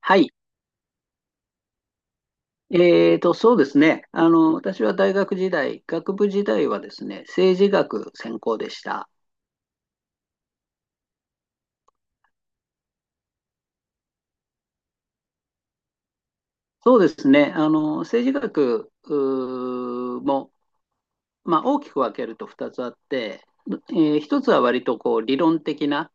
はい。そうですね。私は大学時代、学部時代はですね、政治学専攻でした。そうですね。政治学も、まあ、大きく分けると2つあって、1つは割とこう理論的な、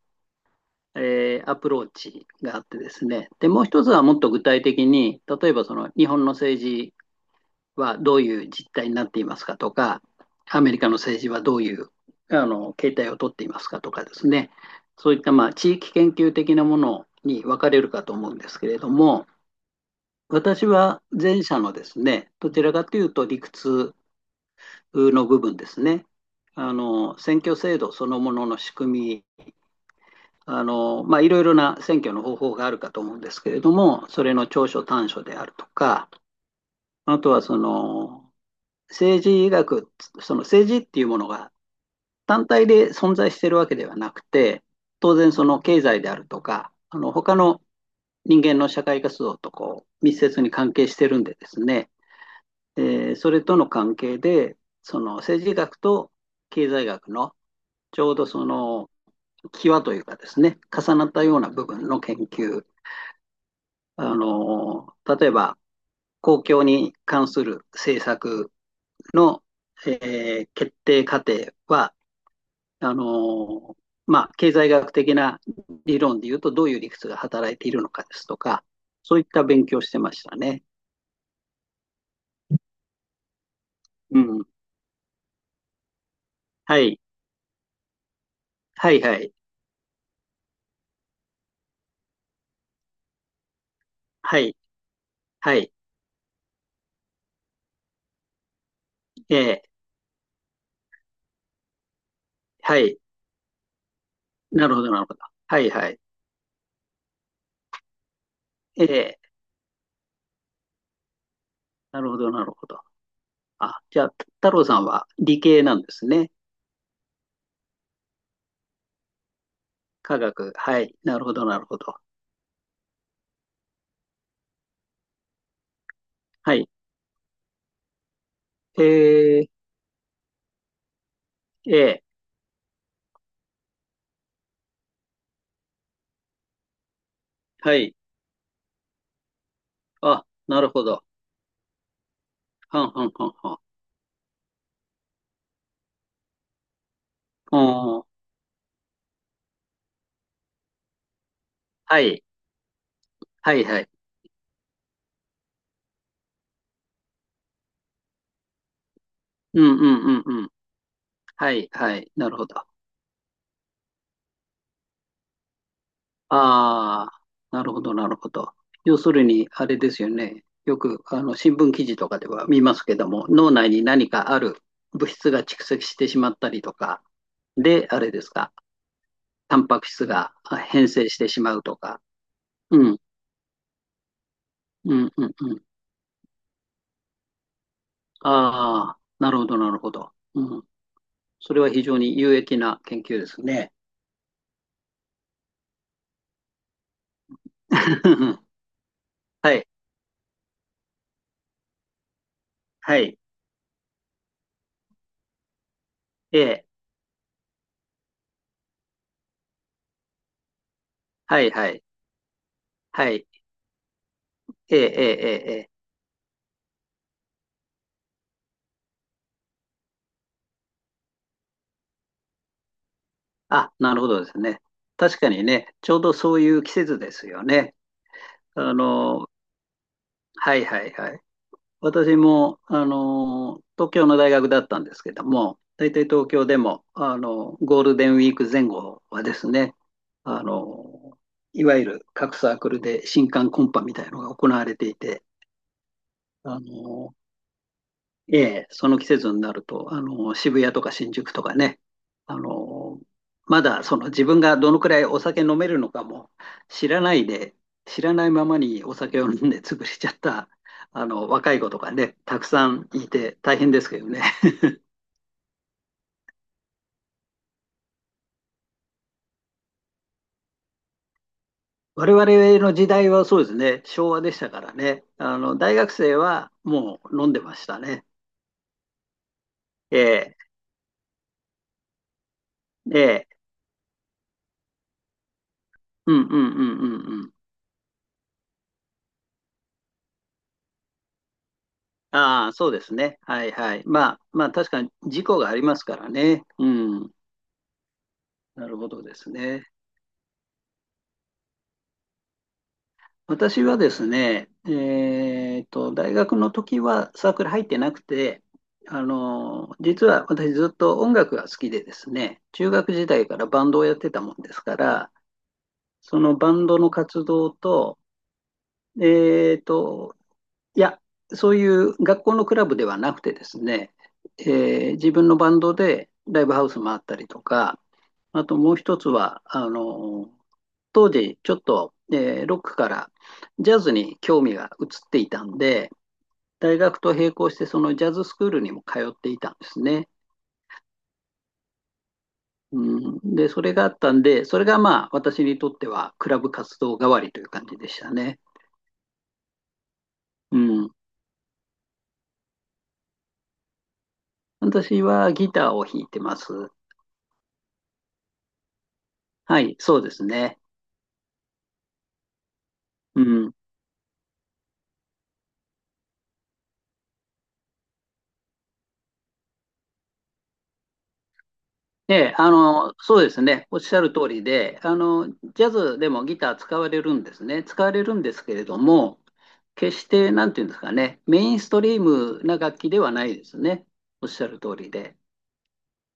アプローチがあってですね。で、もう1つはもっと具体的に、例えばその日本の政治はどういう実態になっていますかとか、アメリカの政治はどういう形態をとっていますかとかですね、そういったまあ地域研究的なものに分かれるかと思うんですけれども、私は前者のですね、どちらかというと理屈の部分ですね、選挙制度そのものの仕組み、まあ、いろいろな選挙の方法があるかと思うんですけれども、それの長所短所であるとか、あとはその政治学、その政治っていうものが単体で存在しているわけではなくて、当然その経済であるとか、他の人間の社会活動とこう密接に関係してるんでですね、えそれとの関係で、その政治学と経済学のちょうどその際というかですね、重なったような部分の研究、例えば公共に関する政策の、決定過程は、あの、まあ、経済学的な理論で言うと、どういう理屈が働いているのかですとか、そういった勉強してましたね。うん。はい。はい、はい。はい、はい。ええ、はい。なるほど、なるほど。はい、はい。ええ、なるほど、なるほど。あ、じゃあ、太郎さんは理系なんですね。科学。はい。なるほど、なるほど。はい。ええ、ええ、はい。あ、なるほど。はんはんはんはん。おー、はい。はい、はい。うん、うん、うん、うん。はい、はい、なるほど。ああ、なるほど、なるほど。要するに、あれですよね。よく、新聞記事とかでは見ますけども、脳内に何かある物質が蓄積してしまったりとか、で、あれですか、タンパク質があ変性してしまうとか。うん、うん、うん、うん。ああ、なるほど、なるほど。うん。それは非常に有益な研究ですね。はい、はい、ええ、はい、はい、はい、ええ、ええ、ええ。あ、なるほどですね。確かにね、ちょうどそういう季節ですよね。あの、はいはいはい。私も、東京の大学だったんですけども、大体東京でも、ゴールデンウィーク前後はですね、あの、いわゆる各サークルで新歓コンパみたいなのが行われていて、あの、ええ、その季節になると、渋谷とか新宿とかね、あの、まだその自分がどのくらいお酒飲めるのかも知らないで、知らないままにお酒を飲んで 潰れちゃった、若い子とかね、たくさんいて大変ですけどね。我々の時代はそうですね、昭和でしたからね、大学生はもう飲んでましたね。ええ、ええ、うんうんうんうんうん。ああ、そうですね。はいはい。まあ、まあ、確かに事故がありますからね。うん。なるほどですね。私はですね、大学の時はサークル入ってなくて、実は私ずっと音楽が好きでですね、中学時代からバンドをやってたもんですから、そのバンドの活動と、えっと、いや、そういう学校のクラブではなくてですね、え自分のバンドでライブハウス回ったりとか、あともう一つは、当時ちょっと、ロックからジャズに興味が移っていたんで、大学と並行してそのジャズスクールにも通っていたんですね。うん、で、それがあったんで、それがまあ私にとってはクラブ活動代わりという感じでしたね。うん、私はギターを弾いてます。はい、そうですね。うん、ええ、そうですね。おっしゃる通りで、ジャズでもギター使われるんですね。使われるんですけれども、決して、なんていうんですかね、メインストリームな楽器ではないですね。おっしゃる通りで。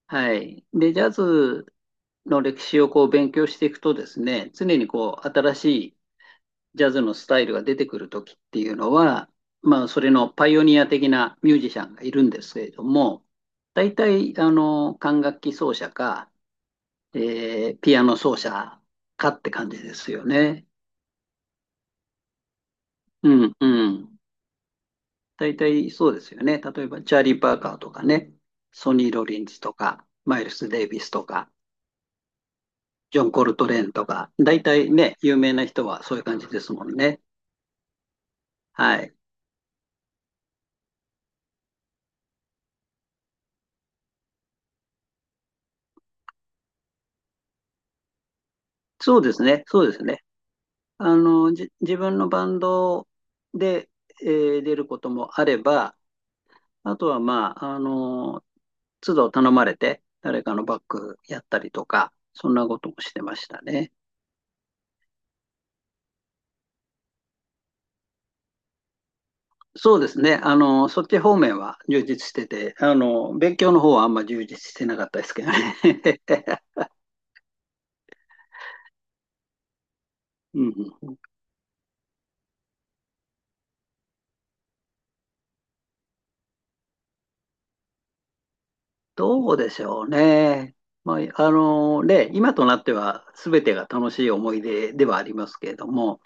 はい。で、ジャズの歴史をこう勉強していくとですね、常にこう、新しいジャズのスタイルが出てくるときっていうのは、まあ、それのパイオニア的なミュージシャンがいるんですけれども、大体、管楽器奏者か、で、ピアノ奏者かって感じですよね。うん、うん。大体そうですよね。例えば、チャーリー・パーカーとかね、ソニー・ロリンズとか、マイルス・デイビスとか、ジョン・コルトレーンとか、大体ね、有名な人はそういう感じですもんね。はい。そうですね、そうですね。自分のバンドで、出ることもあれば、あとはまあ、都度頼まれて、誰かのバックやったりとか、そんなこともしてましたね。そうですね。そっち方面は充実してて、勉強の方はあんま充実してなかったですけどね。うん、どうでしょうね。まあ、ね、今となっては全てが楽しい思い出ではありますけれども、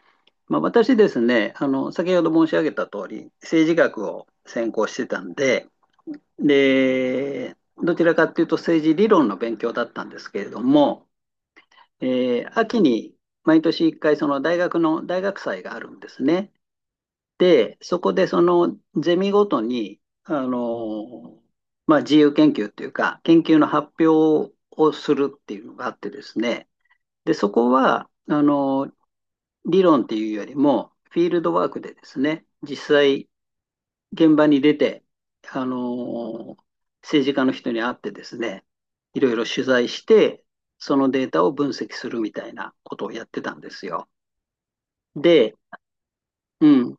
まあ、私ですね、先ほど申し上げた通り、政治学を専攻してたんで、で、どちらかというと政治理論の勉強だったんですけれども、秋に毎年一回その大学の大学祭があるんですね。で、そこでそのゼミごとに、まあ、自由研究っていうか、研究の発表をするっていうのがあってですね。で、そこは、理論っていうよりも、フィールドワークでですね、実際現場に出て、あのー政治家の人に会ってですね、いろいろ取材して、そのデータを分析するみたいなことをやってたんですよ。で、うん。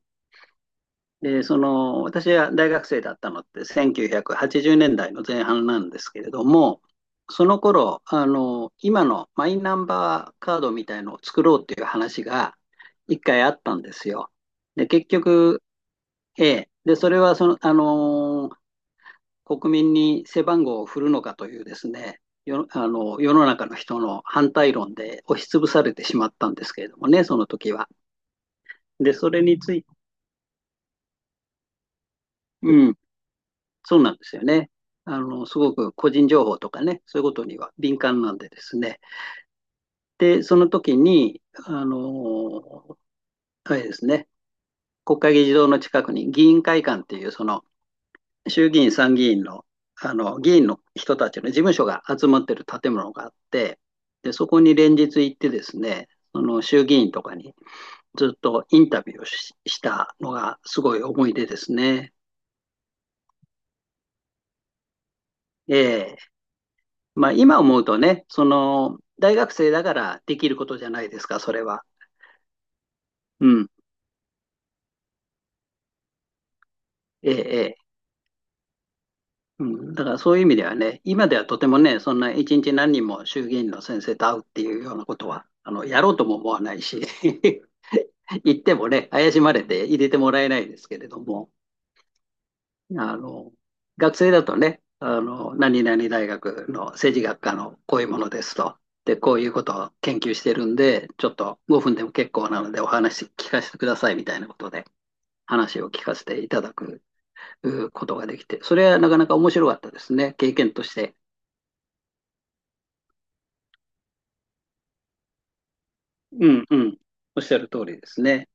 で、その、私は大学生だったのって1980年代の前半なんですけれども、その頃、今のマイナンバーカードみたいのを作ろうっていう話が一回あったんですよ。で、結局、ええ。で、それはその、国民に背番号を振るのかというですね、よ世の中の人の反対論で押しつぶされてしまったんですけれどもね、その時は。で、それについて、うん、そうなんですよね。すごく個人情報とかね、そういうことには敏感なんでですね。で、その時に、あれですね、国会議事堂の近くに議員会館っていうその衆議院、参議院の、議員の人たちの事務所が集まってる建物があって、で、そこに連日行ってですね、その衆議院とかにずっとインタビューをしたのがすごい思い出ですね。えーまあ今思うとね、その、大学生だからできることじゃないですか、それは。うん。えええ。うん、だからそういう意味ではね、今ではとてもね、そんな一日何人も衆議院の先生と会うっていうようなことは、やろうとも思わないし 行ってもね、怪しまれて入れてもらえないですけれども、あの、学生だとね、何々大学の政治学科のこういうものですと。で、こういうことを研究してるんで、ちょっと5分でも結構なのでお話聞かせてくださいみたいなことで話を聞かせていただくことができて、それはなかなか面白かったですね。経験として。うんうん。おっしゃる通りですね。